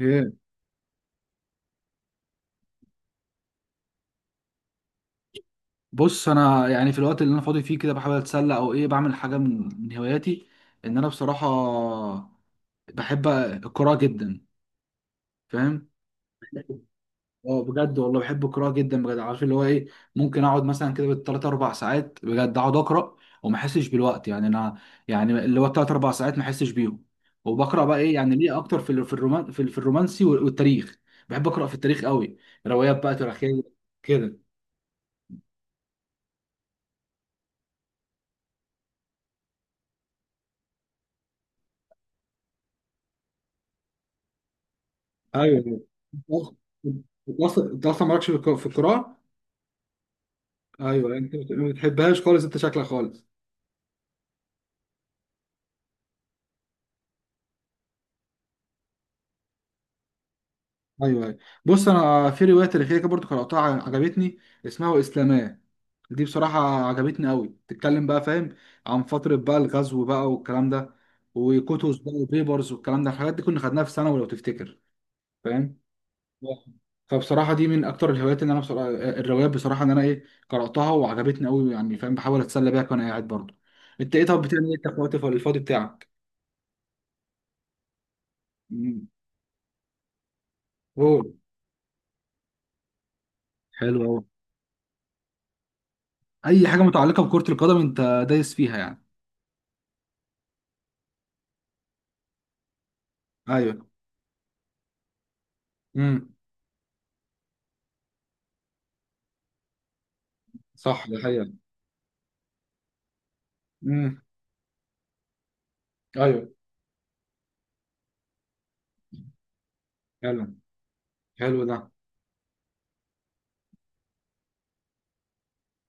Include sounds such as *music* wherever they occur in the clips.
ايه. بص، انا يعني في الوقت اللي انا فاضي فيه كده بحاول اتسلى او ايه بعمل حاجه من هواياتي. ان انا بصراحه بحب القراءه جدا. فاهم. اه بجد والله، بحب القراءه جدا بجد. عارف اللي هو ايه، ممكن اقعد مثلا كده بالثلاث اربع ساعات بجد، اقعد اقرا وما احسش بالوقت يعني. انا يعني اللي هو الثلاث اربع ساعات ما احسش بيهم. وبقرا بقى ايه يعني، ليه اكتر في ال- في الرومان في ال- في الرومانسي وال- والتاريخ بحب اقرا في التاريخ قوي، روايات بقى تاريخيه كده. ايوه. أص- انت انت اصلا مالكش في القراءه. ايوه ما بتحبهاش خالص، انت شكلك خالص. ايوه ايوه. بص انا في روايه تاريخيه كده برضه قراتها عجبتني اسمها واسلاماه. دي بصراحه عجبتني قوي، بتتكلم بقى فاهم عن فتره بقى الغزو بقى والكلام ده، وكوتوس بقى وبيبرز والكلام ده. الحاجات دي كنا خدناها في ثانوي لو تفتكر. فاهم. فبصراحة دي من أكتر الهوايات اللي أنا بصراحة، الروايات بصراحة إن أنا إيه قرأتها وعجبتني أوي يعني. فاهم. بحاول أتسلى بيها وأنا قاعد برضه. أنت إيه، طب بتعمل إيه أنت في وقتك الفاضي بتاعك؟ مم. أوه. حلو أوي. أي حاجة متعلقة بكرة القدم أنت دايس فيها يعني. أيوه. امم. صح، ده حقيقة. امم. أيوه. حلو. حلو ده.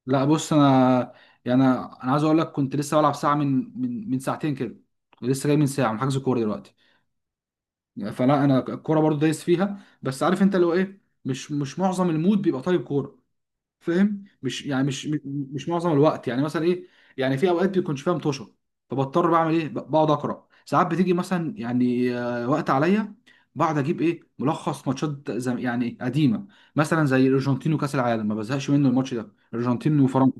لا بص أنا، يعني أنا عايز أقول لك كنت لسه بلعب ساعة من ساعتين كده، ولسه جاي من ساعة من حجز كورة دلوقتي. فلا انا الكوره برضو دايس فيها، بس عارف انت لو ايه، مش معظم المود بيبقى طالب كوره. فاهم. مش يعني مش معظم الوقت يعني، مثلا ايه. يعني في اوقات بيكونش فيها مطوشه، فبضطر بعمل ايه، بقعد اقرا ساعات بتيجي مثلا يعني وقت عليا. بقعد اجيب ايه ملخص ماتشات زم يعني قديمه، مثلا زي الارجنتين وكاس العالم، ما بزهقش منه الماتش ده، الارجنتين وفرنسا.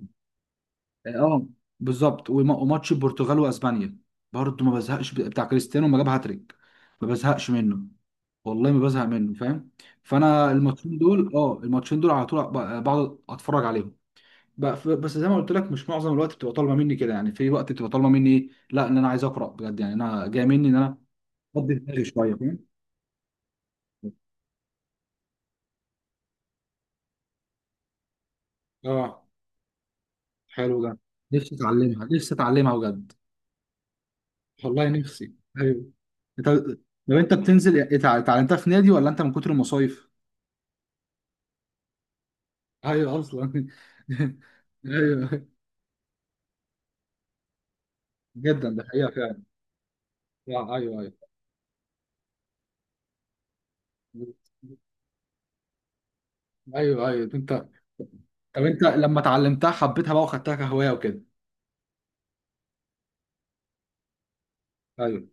اه بالظبط. وماتش البرتغال واسبانيا برضه ما بزهقش، بتاع كريستيانو لما جاب هاتريك، ما بزهقش منه. والله ما بزهق منه. فاهم. فانا الماتشين دول، اه الماتشين دول على طول بقعد اتفرج عليهم. بس زي ما قلت لك، مش معظم الوقت بتبقى طالبه مني كده، يعني في وقت بتبقى طالبه مني ايه، لا ان انا عايز اقرا بجد، يعني انا جاي مني ان انا افضي دماغي شويه. فاهم. اه. حلو ده. نفسي اتعلمها، نفسي اتعلمها بجد. والله نفسي. ايوه. انت لو انت بتنزل اتعلمتها في نادي، ولا انت من كتر المصايف؟ ايوه اصلا *laughs* ايوه. جدا، ده حقيقه فعلا. لا، ايوه ايوه. ايوه ايوه انت. طب انت لما اتعلمتها حبيتها بقى وخدتها كهوايه وكده؟ ايوه.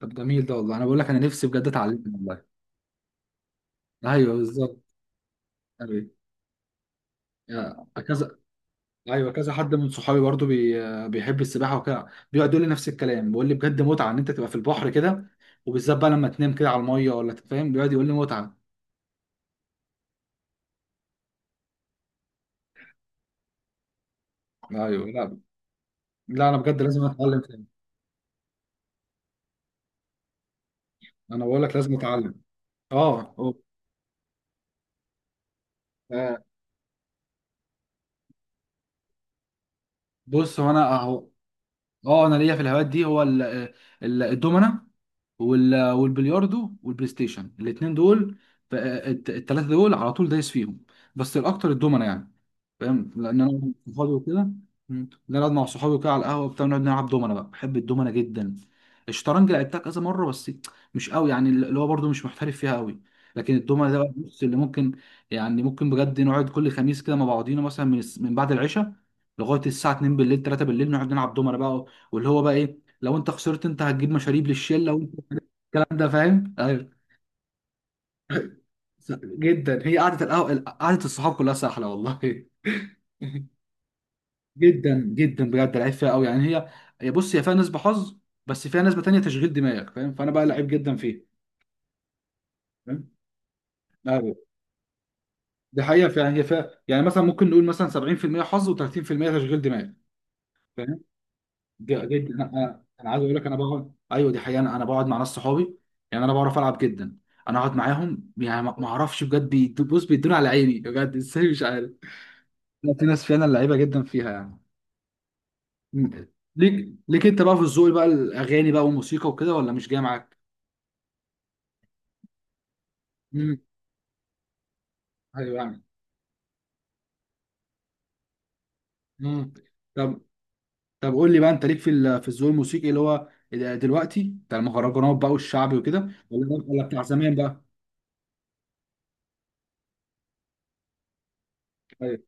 طب جميل ده والله، انا بقول لك انا نفسي بجد اتعلمها والله. ايوه بالظبط. ايوه كذا ايوه كذا حد من صحابي برضو بيحب السباحه وكده، بيقعد يقول لي نفس الكلام، بيقول لي بجد متعه ان انت تبقى في البحر كده، وبالذات بقى لما تنام كده على الميه ولا فاهم بيقعد يقول لي متعه. ايوه. لا لا، انا بجد لازم اتعلم تاني. انا بقول لك لازم اتعلم. اه. أوه. آه، بص هو انا اهو. اه انا ليا في الهوايات دي، هو الدومنه والبلياردو والبلاي ستيشن، الاثنين دول، الثلاثه دول على طول دايس فيهم، بس الاكتر الدومنه يعني. فاهم لان انا أقعد مع صحابي وكده. مم. نقعد مع صحابي وكده على القهوه بتاع، نقعد نلعب دومنه بقى، بحب الدومنه جدا. الشطرنج لعبتها كذا مره بس، مش قوي يعني، اللي هو برضو مش محترف فيها قوي. لكن الدومنه ده بقى، بص اللي ممكن، يعني ممكن بجد نقعد كل خميس كده مع بعضينا، مثلا من بعد العشاء لغايه الساعه 2 بالليل، 3 بالليل، نقعد نلعب دومنه بقى، واللي هو بقى ايه لو انت خسرت انت هتجيب مشاريب للشله، وانت الكلام ده فاهم. ايوه. جدا، هي قعده القهوه قعده الصحاب كلها سهله والله *laughs* جدا جدا بجد لعيب فيها قوي يعني. هي بص، هي فيها نسبه حظ، بس فيها نسبه تانية تشغيل دماغك. فاهم. فانا بقى لعيب جدا فيه. فاهم. ايوه، دي حقيقه فعلا. هي فيها يعني مثلا ممكن نقول مثلا 70% حظ و30% تشغيل دماغ. فاهم. جدا انا عايز اقول لك، انا بقعد ايوه دي حقيقه، انا بقعد مع ناس صحابي. يعني انا بعرف العب جدا. انا اقعد معاهم يعني ما اعرفش بجد، بص بيدوني على عيني بجد ازاي مش عارف. لا، في ناس فعلا لعيبه جدا فيها يعني. م- ليك انت بقى في الذوق بقى، الاغاني بقى والموسيقى وكده، ولا مش جاي معاك؟ امم. ايوه يعني. امم. طب. طب قول لي بقى، انت ليك في الذوق الموسيقي اللي هو دلوقتي بتاع المهرجانات بقى والشعبي وكده، ولا بتاع زمان بقى؟ ايوه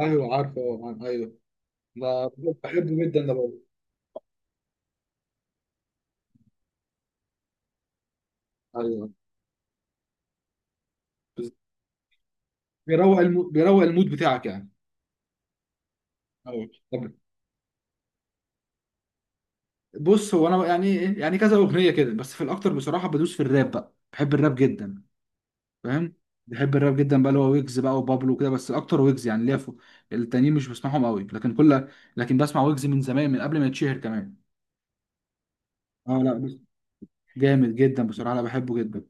ايوه عارفه، ايوه ده. بحبه جدا ده برضه. ايوه. بز- بيروق المود بتاعك يعني. ايوه طب. بص هو انا بقى يعني يعني كذا اغنيه كده بس، في الاكتر بصراحه بدوس في الراب بقى، بحب الراب جدا. فاهم. بحب الراب جدا بقى، اللي هو ويجز بقى وبابلو وكده، بس اكتر ويجز يعني ليا فوق، التانيين مش بسمعهم قوي. لكن كل، لكن بسمع ويجز من زمان من قبل ما يتشهر كمان. اه لا بس، جامد جدا بصراحه انا بحبه جدا.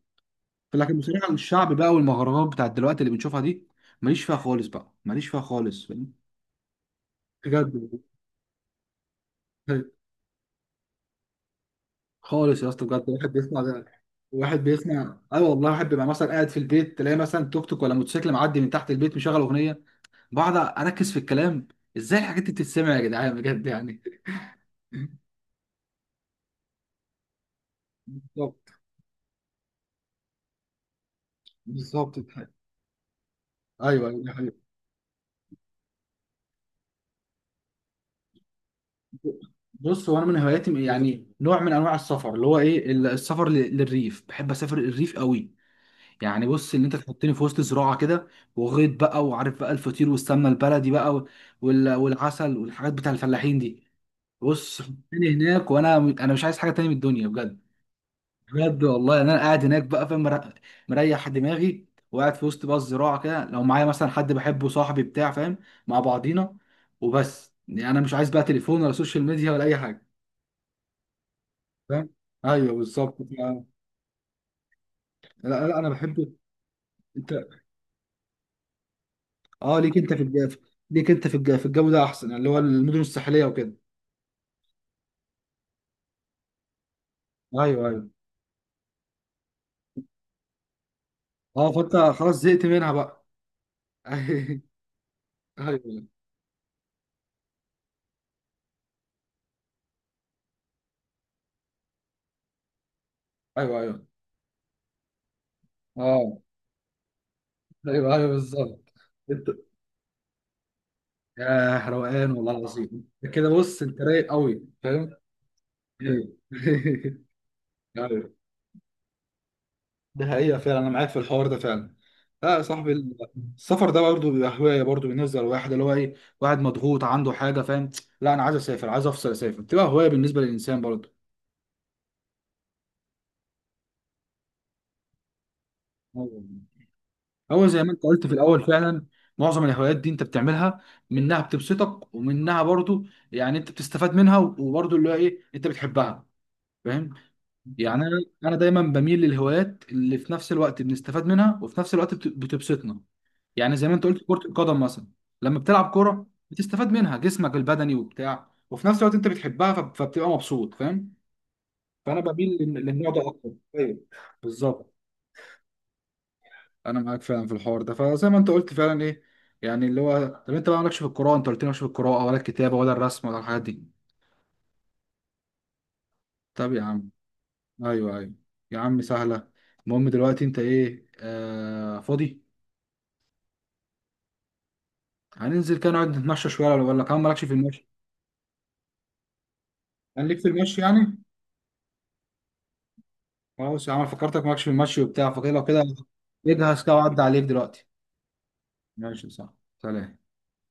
لكن بصراحه الشعب بقى والمهرجانات بتاعت دلوقتي اللي بنشوفها دي، ماليش فيها خالص بقى، ماليش فيها خالص فاهم؟ بجد. خالص يا اسطى، بجد واحد بيسمع ده، واحد بيسمع ايوه والله. واحد بيبقى مثلا قاعد في البيت تلاقي مثلا توك توك ولا موتوسيكل معدي من تحت البيت مشغل اغنيه، بقعد اركز في الكلام، ازاي الحاجات دي بتتسمع يا جدعان بجد يعني. بالظبط. بالظبط، دي حقيقة. ايوه أيوة، دي حقيقة. بص هو انا من هواياتي يعني نوع من انواع السفر، اللي هو ايه السفر للريف بحب اسافر الريف قوي. يعني بص ان انت تحطني في وسط زراعه كده، وغيط بقى، وعارف بقى الفطير والسمنه البلدي بقى والعسل والحاجات بتاع الفلاحين دي، بص حطني هناك وانا، مش عايز حاجه تاني من الدنيا بجد. بجد والله. يعني انا قاعد هناك بقى فاهم، مريح دماغي، وقاعد في وسط بقى الزراعه كده، لو معايا مثلا حد بحبه، صاحبي بتاع فاهم، مع بعضينا وبس، يعني انا مش عايز بقى تليفون ولا سوشيال ميديا ولا اي حاجه. فاهم. ايوه بالظبط. لا لا انا بحب. انت اه، ليك انت في الجو، ليك انت في الجو، في الجو ده احسن، اللي هو المدن الساحليه وكده. ايوه ايوه. اه فانت خلاص زهقت منها بقى *laughs* ايوه ايوه. ايوه. اه. ايوه ايوه بالظبط. انت يا روقان والله العظيم، انت كده بص انت رايق قوي. فاهم. ايوه *laughs* ايوه. ده حقيقة فعلا، انا معاك في الحوار ده فعلا. لا يا صاحبي. السفر ده برضه بيبقى هواية برضه بالنسبة للواحد اللي هو ايه، واحد مضغوط عنده حاجة. فاهم. لا انا عايز اسافر، عايز افصل، اسافر بتبقى هواية بالنسبة للانسان برضه. أيوة. هو زي ما انت قلت في الاول فعلا. معظم الهوايات دي انت بتعملها، منها بتبسطك ومنها برضه يعني انت بتستفاد منها، وبرضه اللي هو ايه انت بتحبها. فاهم. يعني انا دايما بميل للهوايات اللي في نفس الوقت بنستفاد منها، وفي نفس الوقت بتبسطنا يعني زي ما انت قلت كرة القدم مثلا، لما بتلعب كرة بتستفاد منها جسمك البدني وبتاع، وفي نفس الوقت انت بتحبها فبتبقى مبسوط. فاهم. فانا بميل للنوع ده اكتر. ايوه بالظبط. انا معاك فعلا في الحوار ده. فزي ما انت قلت فعلا ايه، يعني اللي هو، طب انت بقى مالكش في القراءة، انت قلت لي مالكش في القراءة ولا الكتابة ولا الرسم ولا الحاجات دي؟ طب يا عم. ايوه ايوه. يا عم سهلة. المهم دلوقتي انت ايه آه فاضي؟ هننزل كده نقعد نتمشى شويه، ولا كمان مالكش في المشي؟ كان ليك في المشي يعني. خلاص يا عم، فكرتك مالكش في المشي وبتاع، فكده لو كده اجهز كده وعدي عليك دلوقتي. ماشي صح، سلام.